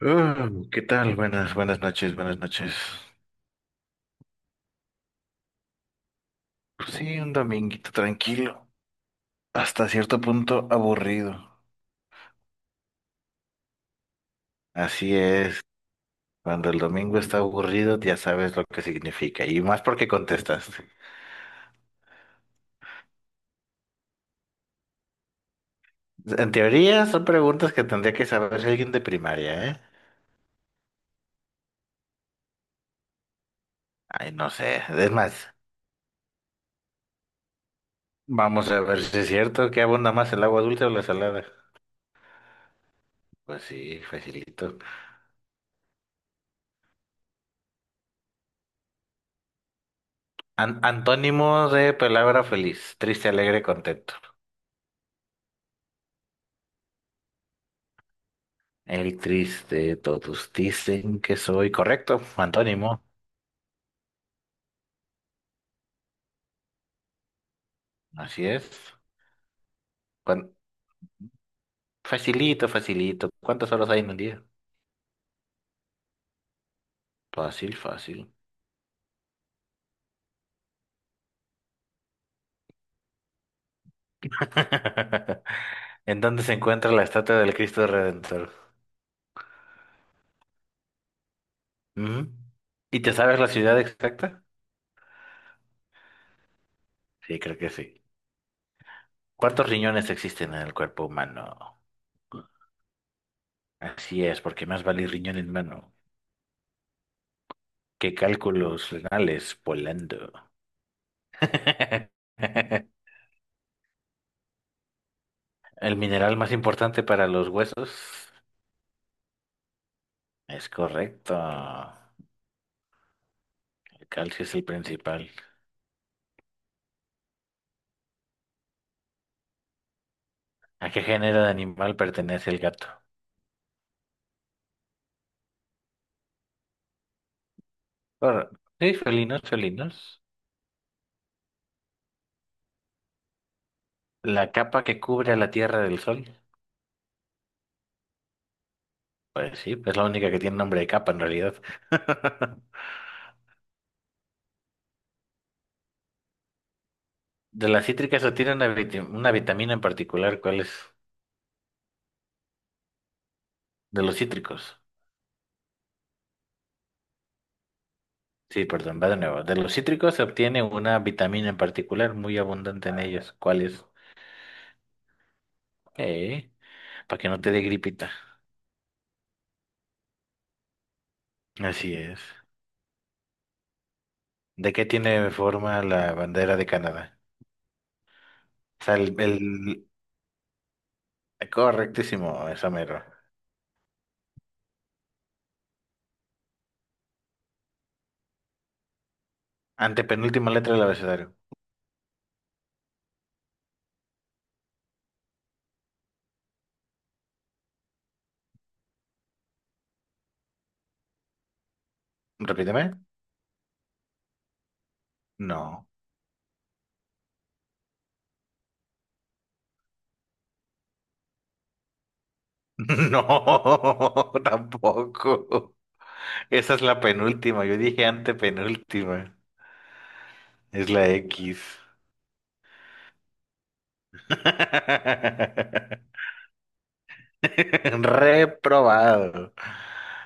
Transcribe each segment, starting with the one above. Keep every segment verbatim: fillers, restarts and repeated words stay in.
Ah, ¿qué tal? Buenas, buenas noches, buenas noches. Pues sí, un dominguito tranquilo, hasta cierto punto aburrido. Así es, cuando el domingo está aburrido ya sabes lo que significa, y más porque contestas. En teoría son preguntas que tendría que saber alguien de primaria, ¿eh? Ay, no sé, es más, vamos a ver si es cierto que abunda más el agua dulce o la salada. Pues sí, facilito. An- antónimo de palabra feliz, triste, alegre, contento. El triste, todos dicen que soy correcto, antónimo, así es. Cuan- Facilito, facilito. ¿Cuántas horas hay en un día? Fácil, fácil. ¿En dónde se encuentra la estatua del Cristo Redentor? Ujú. ¿Y te sabes la ciudad exacta? Sí, creo que sí. ¿Cuántos riñones existen en el cuerpo humano? Así es, porque más vale riñón en mano que cálculos renales volando. ¿El mineral más importante para los huesos? Es correcto. El calcio es el principal. ¿A qué género de animal pertenece el gato? Por... Sí, felinos, felinos. La capa que cubre a la Tierra del Sol. Pues sí, es la única que tiene nombre de capa en realidad. De las cítricas o tiene una, vit- una vitamina en particular, ¿cuál es? De los cítricos. Sí, perdón, va de nuevo. De los cítricos se obtiene una vitamina en particular muy abundante en ellos. ¿Cuál es? Eh, para que no te dé gripita. Así es. ¿De qué tiene forma la bandera de Canadá? O sea, el, el- correctísimo, esa mero. Antepenúltima letra del abecedario. Repíteme. No. No, tampoco. Esa es la penúltima. Yo dije antepenúltima. Es la X. Reprobado.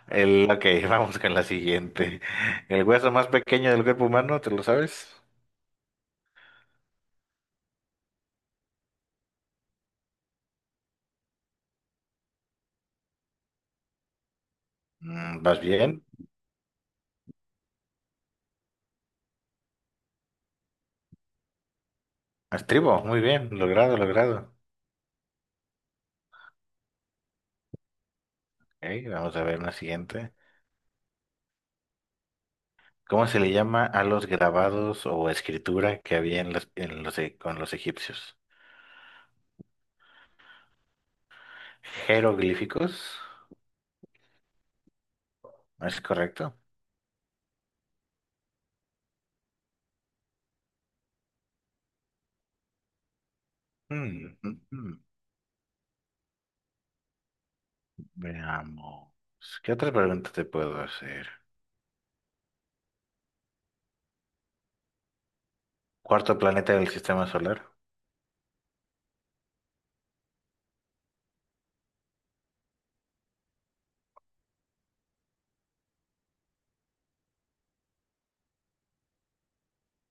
El, ok, vamos con la siguiente. El hueso más pequeño del cuerpo humano, ¿te lo sabes? Mm, ¿vas bien? Estribo, muy bien, logrado, logrado. Ok, vamos a ver la siguiente. ¿Cómo se le llama a los grabados o escritura que había en los, en los e- con los egipcios? ¿Jeroglíficos? ¿Es correcto? Mm, mm, mm. Veamos. ¿Qué otra pregunta te puedo hacer? ¿Cuarto planeta del sistema solar?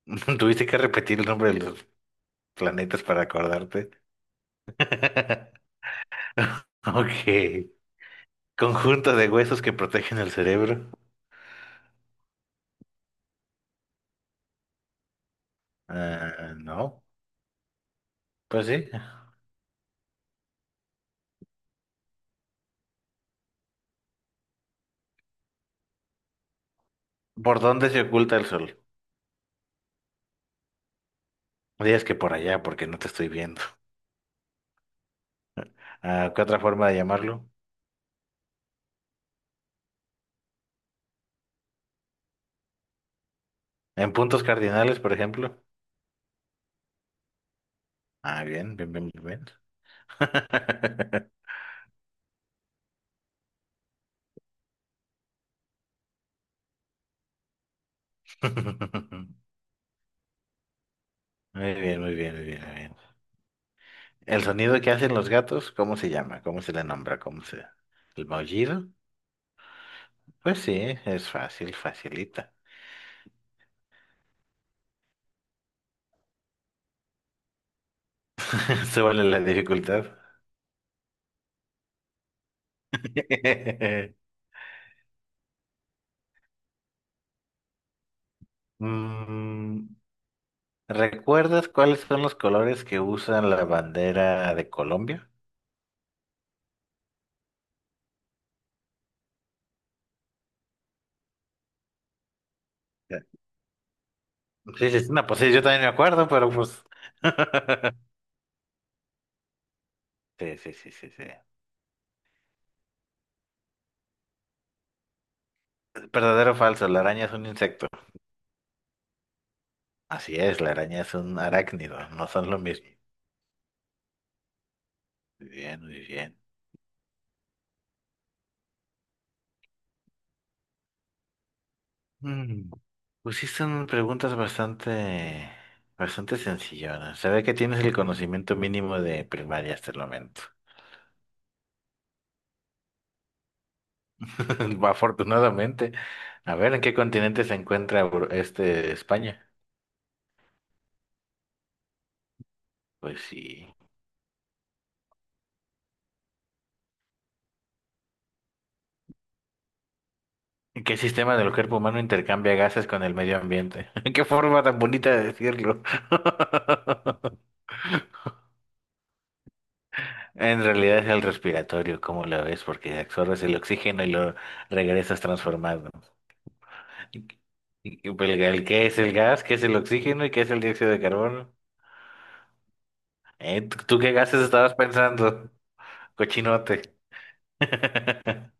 ¿Tuviste que repetir el nombre de los planetas para acordarte? Ok. ¿Conjunto de huesos que protegen el cerebro? Ah, no. Pues sí. ¿Por dónde se oculta el sol? Dirías que por allá, porque no te estoy viendo. Ah, ¿qué otra forma de llamarlo? ¿En puntos cardinales, por ejemplo? Ah, bien, bien, bien, bien, bien. Muy bien, muy bien, muy bien, muy bien. ¿El sonido que hacen los gatos? ¿Cómo se llama? ¿Cómo se le nombra? ¿Cómo se...? ¿El maullido? Pues sí, es fácil, facilita. Súbale la dificultad. Mm, ¿recuerdas cuáles son los colores que usan la bandera de Colombia? Sí, sí, sí, no, pues sí, yo también me acuerdo, pero pues. Sí, sí, sí, sí, sí. Verdadero o falso, la araña es un insecto. Así es, la araña es un arácnido, no son lo mismo. Muy bien, muy bien. Mm. Pusiste un- preguntas bastante, bastante sencillonas. Se ve que tienes el conocimiento mínimo de primaria hasta el momento. Afortunadamente. A ver, ¿en qué continente se encuentra Bru- este España? Pues sí. ¿Y ¿Qué sistema del cuerpo humano intercambia gases con el medio ambiente? Qué forma tan bonita de decirlo. En realidad es el respiratorio, ¿cómo lo ves? Porque absorbes el oxígeno y lo regresas transformado. ¿Y- y- y pues, el, el qué es el gas? ¿Qué es el oxígeno? ¿Y qué es el dióxido de carbono? ¿Eh? ¿Tú tú qué gases estabas pensando? Cochinote.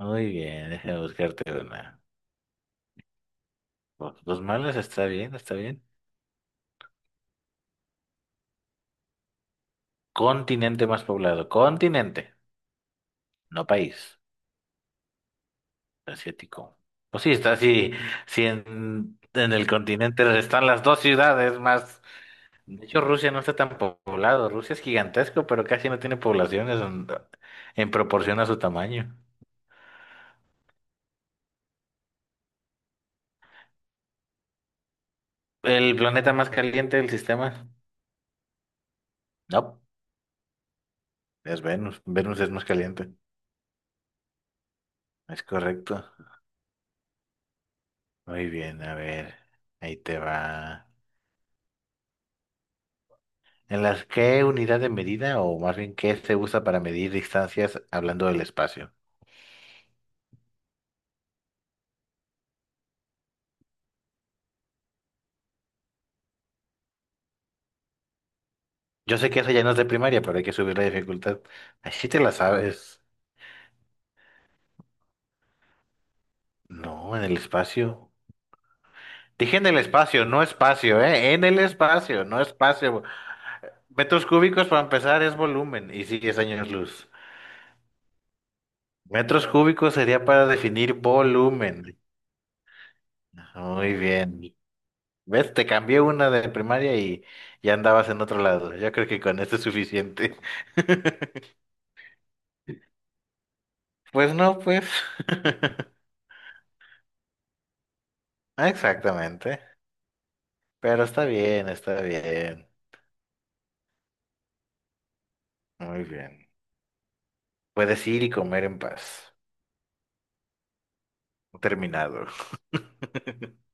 Muy bien, déjame buscarte una. Los malos está bien, está bien. Continente más poblado. Continente, no país. Asiático. Pues sí, está así. Si en, en el continente están las dos ciudades más. De hecho, Rusia no está tan poblado. Rusia es gigantesco, pero casi no tiene poblaciones en, en proporción a su tamaño. ¿El planeta más caliente del sistema? No, es Venus. Venus es más caliente. Es correcto. Muy bien, a ver. Ahí te va. ¿En las Qué unidad de medida o más bien qué se usa para medir distancias hablando del espacio? Yo sé que eso ya no es de primaria, pero hay que subir la dificultad. Así te la sabes. No, en el espacio. Dije en el espacio, no espacio, ¿eh? En el espacio, no espacio. Metros cúbicos para empezar es volumen y sí, es años luz. Metros cúbicos sería para definir volumen. Muy bien. ¿Ves? Te cambié una de primaria y ya andabas en otro lado. Yo creo que con esto es suficiente. Pues no, pues. Exactamente. Pero está bien, está bien. Muy bien. Puedes ir y comer en paz. Terminado.